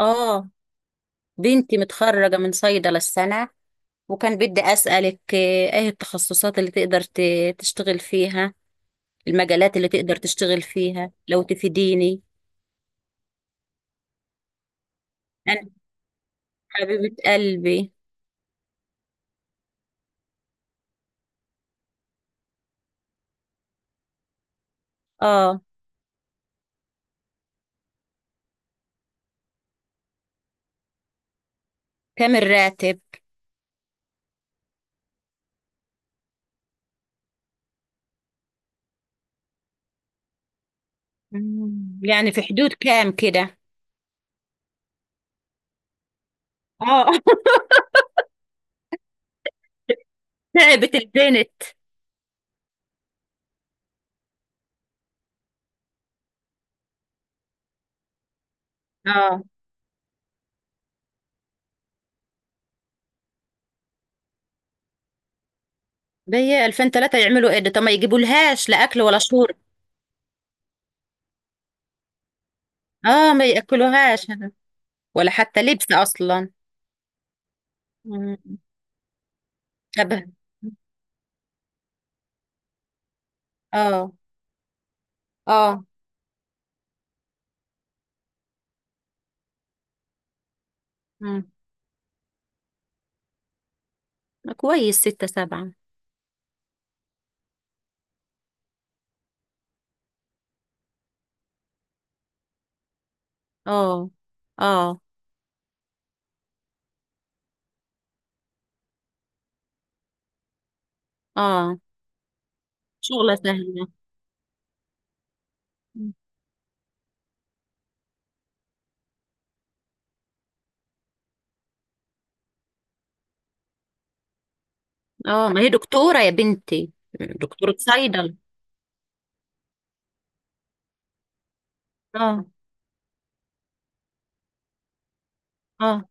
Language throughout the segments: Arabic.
اه، بنتي متخرجة من صيدلة السنة. وكان بدي أسألك ايه التخصصات اللي تقدر تشتغل فيها، المجالات اللي تقدر تشتغل فيها لو تفيديني. أنا حبيبة قلبي. اه. كام الراتب؟ يعني في حدود كام كده؟ اه. تعبت البنت. اه، بي 2000 3 يعملوا ايه ده؟ طب ما يجيبولهاش لا اكل ولا شرب. اه، ما ياكلوهاش ولا حتى لبس اصلا. مم. طب. اه. اه مم. كويس ستة سبعة. اه اه اه، شغلة سهلة. مم. اه، ما هي دكتورة يا بنتي، دكتورة صيدلة. اه. اه،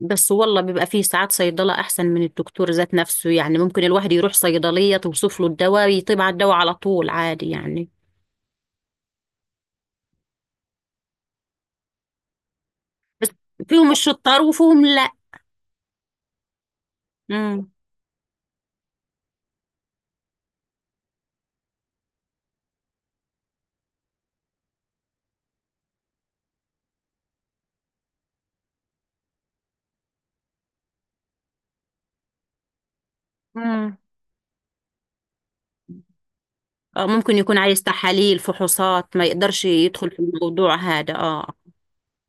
بس والله بيبقى فيه ساعات صيدلة أحسن من الدكتور ذات نفسه، يعني ممكن الواحد يروح صيدلية توصف له الدواء يطيب على الدواء على طول عادي يعني. فيهم الشطار وفيهم لأ. مم. مم. آه، ممكن يكون عايز تحاليل فحوصات ما يقدرش يدخل في الموضوع هذا. اه.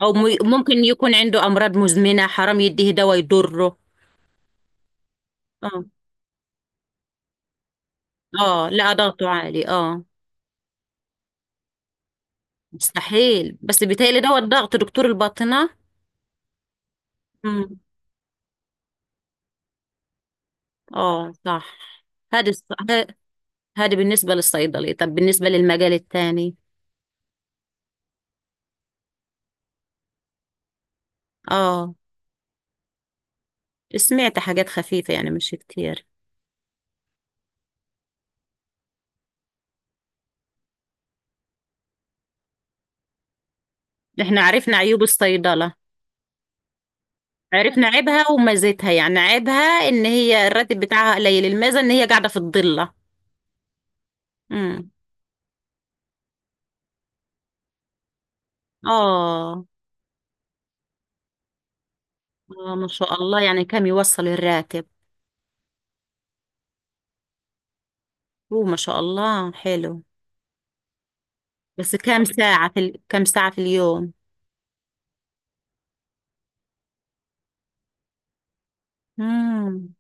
او ممكن يكون عنده امراض مزمنه حرام يديه دواء يضره. اه. اه، لا ضغطه عالي. اه، مستحيل، بس بيتهيألي دواء الضغط دكتور الباطنه. امم. اه صح. هذه هذه بالنسبه للصيدلي، طب بالنسبه للمجال الثاني؟ اه، سمعت حاجات خفيفه يعني مش كتير. احنا عرفنا عيوب الصيدله، عرفنا عيبها وميزتها، يعني عيبها ان هي الراتب بتاعها قليل، الميزه ان هي قاعده في الضله. امم. اه. اه ما شاء الله، يعني كم يوصل الراتب؟ هو ما شاء الله حلو. بس كم ساعة كم ساعة في اليوم؟ امم.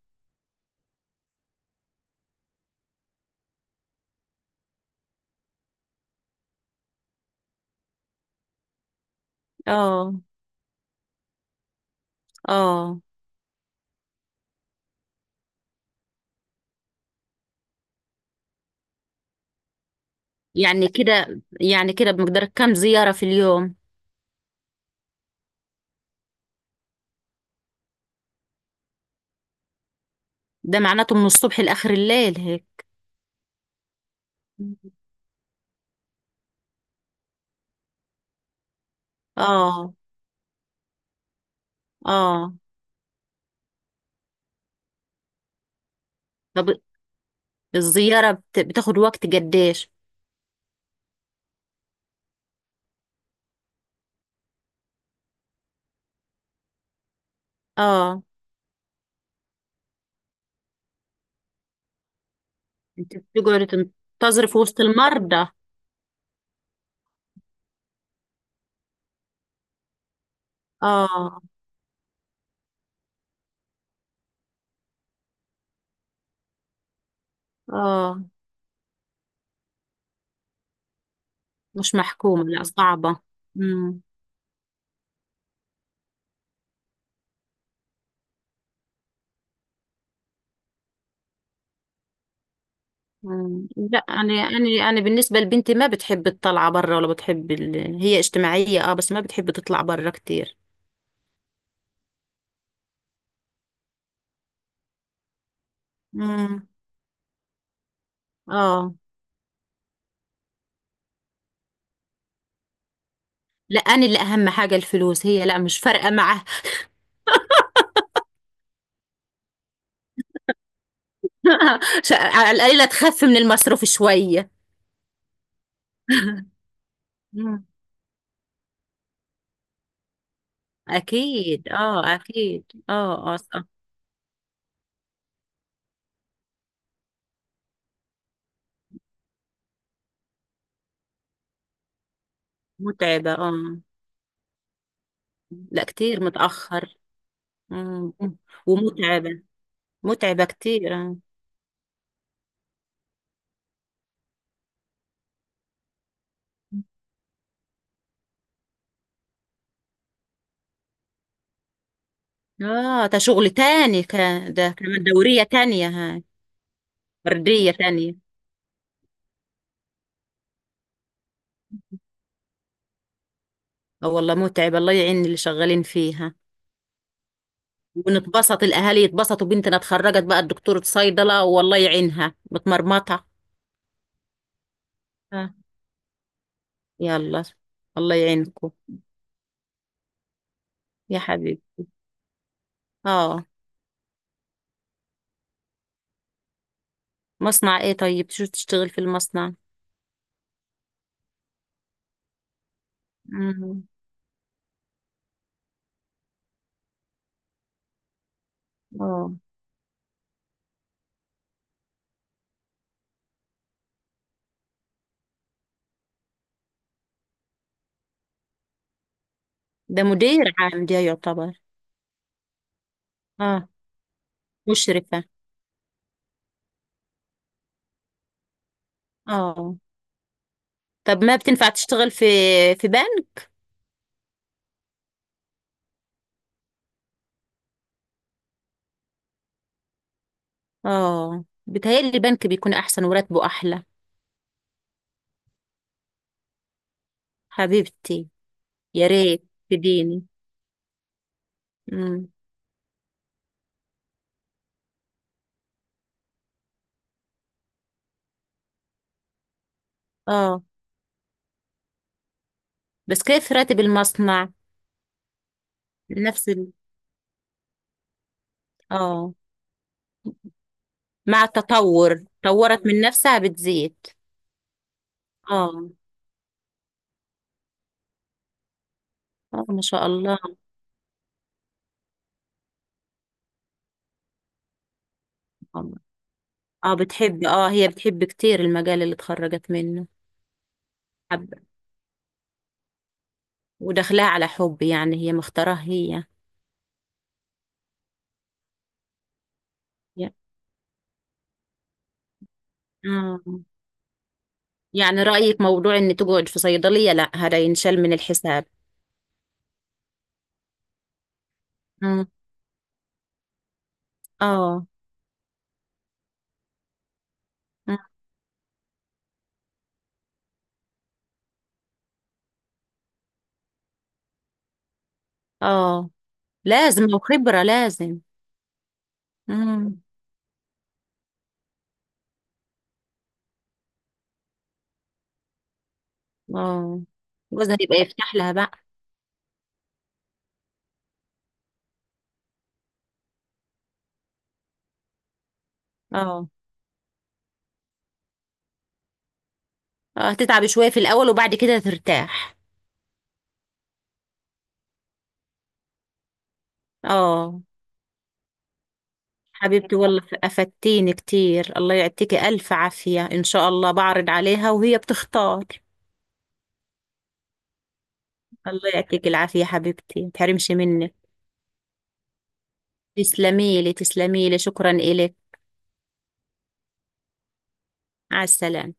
اه. اه، يعني كده، يعني كده، بمقدار كم زيارة في اليوم؟ ده معناته من الصبح لآخر الليل هيك؟ اه. اه. طب الزيارة بتاخد وقت قديش؟ اه، انت بتقعد تنتظر في وسط المرضى. اه. اه، مش محكومة، لا صعبة. مم. لا، انا بالنسبه لبنتي ما بتحب الطلعه برا ولا بتحب هي اجتماعيه اه، بس ما بتحب تطلع برا كتير. امم. اه. لا انا اللي اهم حاجه الفلوس، هي لا مش فارقه معاها. على القليله تخف من المصروف شويه. امم. اكيد اه، اكيد اه. متعبه اه. لا كتير متاخر. مم. ومتعبه، متعبه كتير اه. اه، ده شغل تاني، كان ده كمان دوريه تانية هاي، بردية تانية. اه والله متعب، الله يعين اللي شغالين فيها. ونتبسط الأهالي، يتبسطوا بنتنا اتخرجت بقى الدكتورة صيدلة، والله يعينها متمرمطة. اه. يلا، الله يعينكم. يا حبيبي. اه، مصنع ايه؟ طيب شو تشتغل في المصنع؟ مم. اه. ده مدير عام ده يعتبر؟ اه، مشرفة. اه. طب ما بتنفع تشتغل في بنك؟ اه، بتهيألي البنك بيكون أحسن وراتبه أحلى. حبيبتي. يا ريت تديني. اه. بس كيف راتب المصنع؟ نفس ال... اه، مع التطور طورت من نفسها بتزيد. اه. اه ما شاء الله. اه، بتحب، اه هي بتحب كتير المجال اللي اتخرجت منه. حب. ودخلها على حب، يعني هي مختاراه هي. يا-. اه. يعني رأيك موضوع ان تقعد في صيدلية لا، هذا ينشال من الحساب. مم. اه. مم. اه، لازم، وخبرة لازم. مم. اه. جوزها يبقى يفتح لها بقى. اه. اه، هتتعبي شوية في الأول وبعد كده ترتاح. اه. حبيبتي والله أفدتيني كتير، الله يعطيكي ألف عافية، إن شاء الله بعرض عليها وهي بتختار. الله يعطيكي العافية حبيبتي، متحرمش منك. تسلميلي شكرا إلك. على السلامة.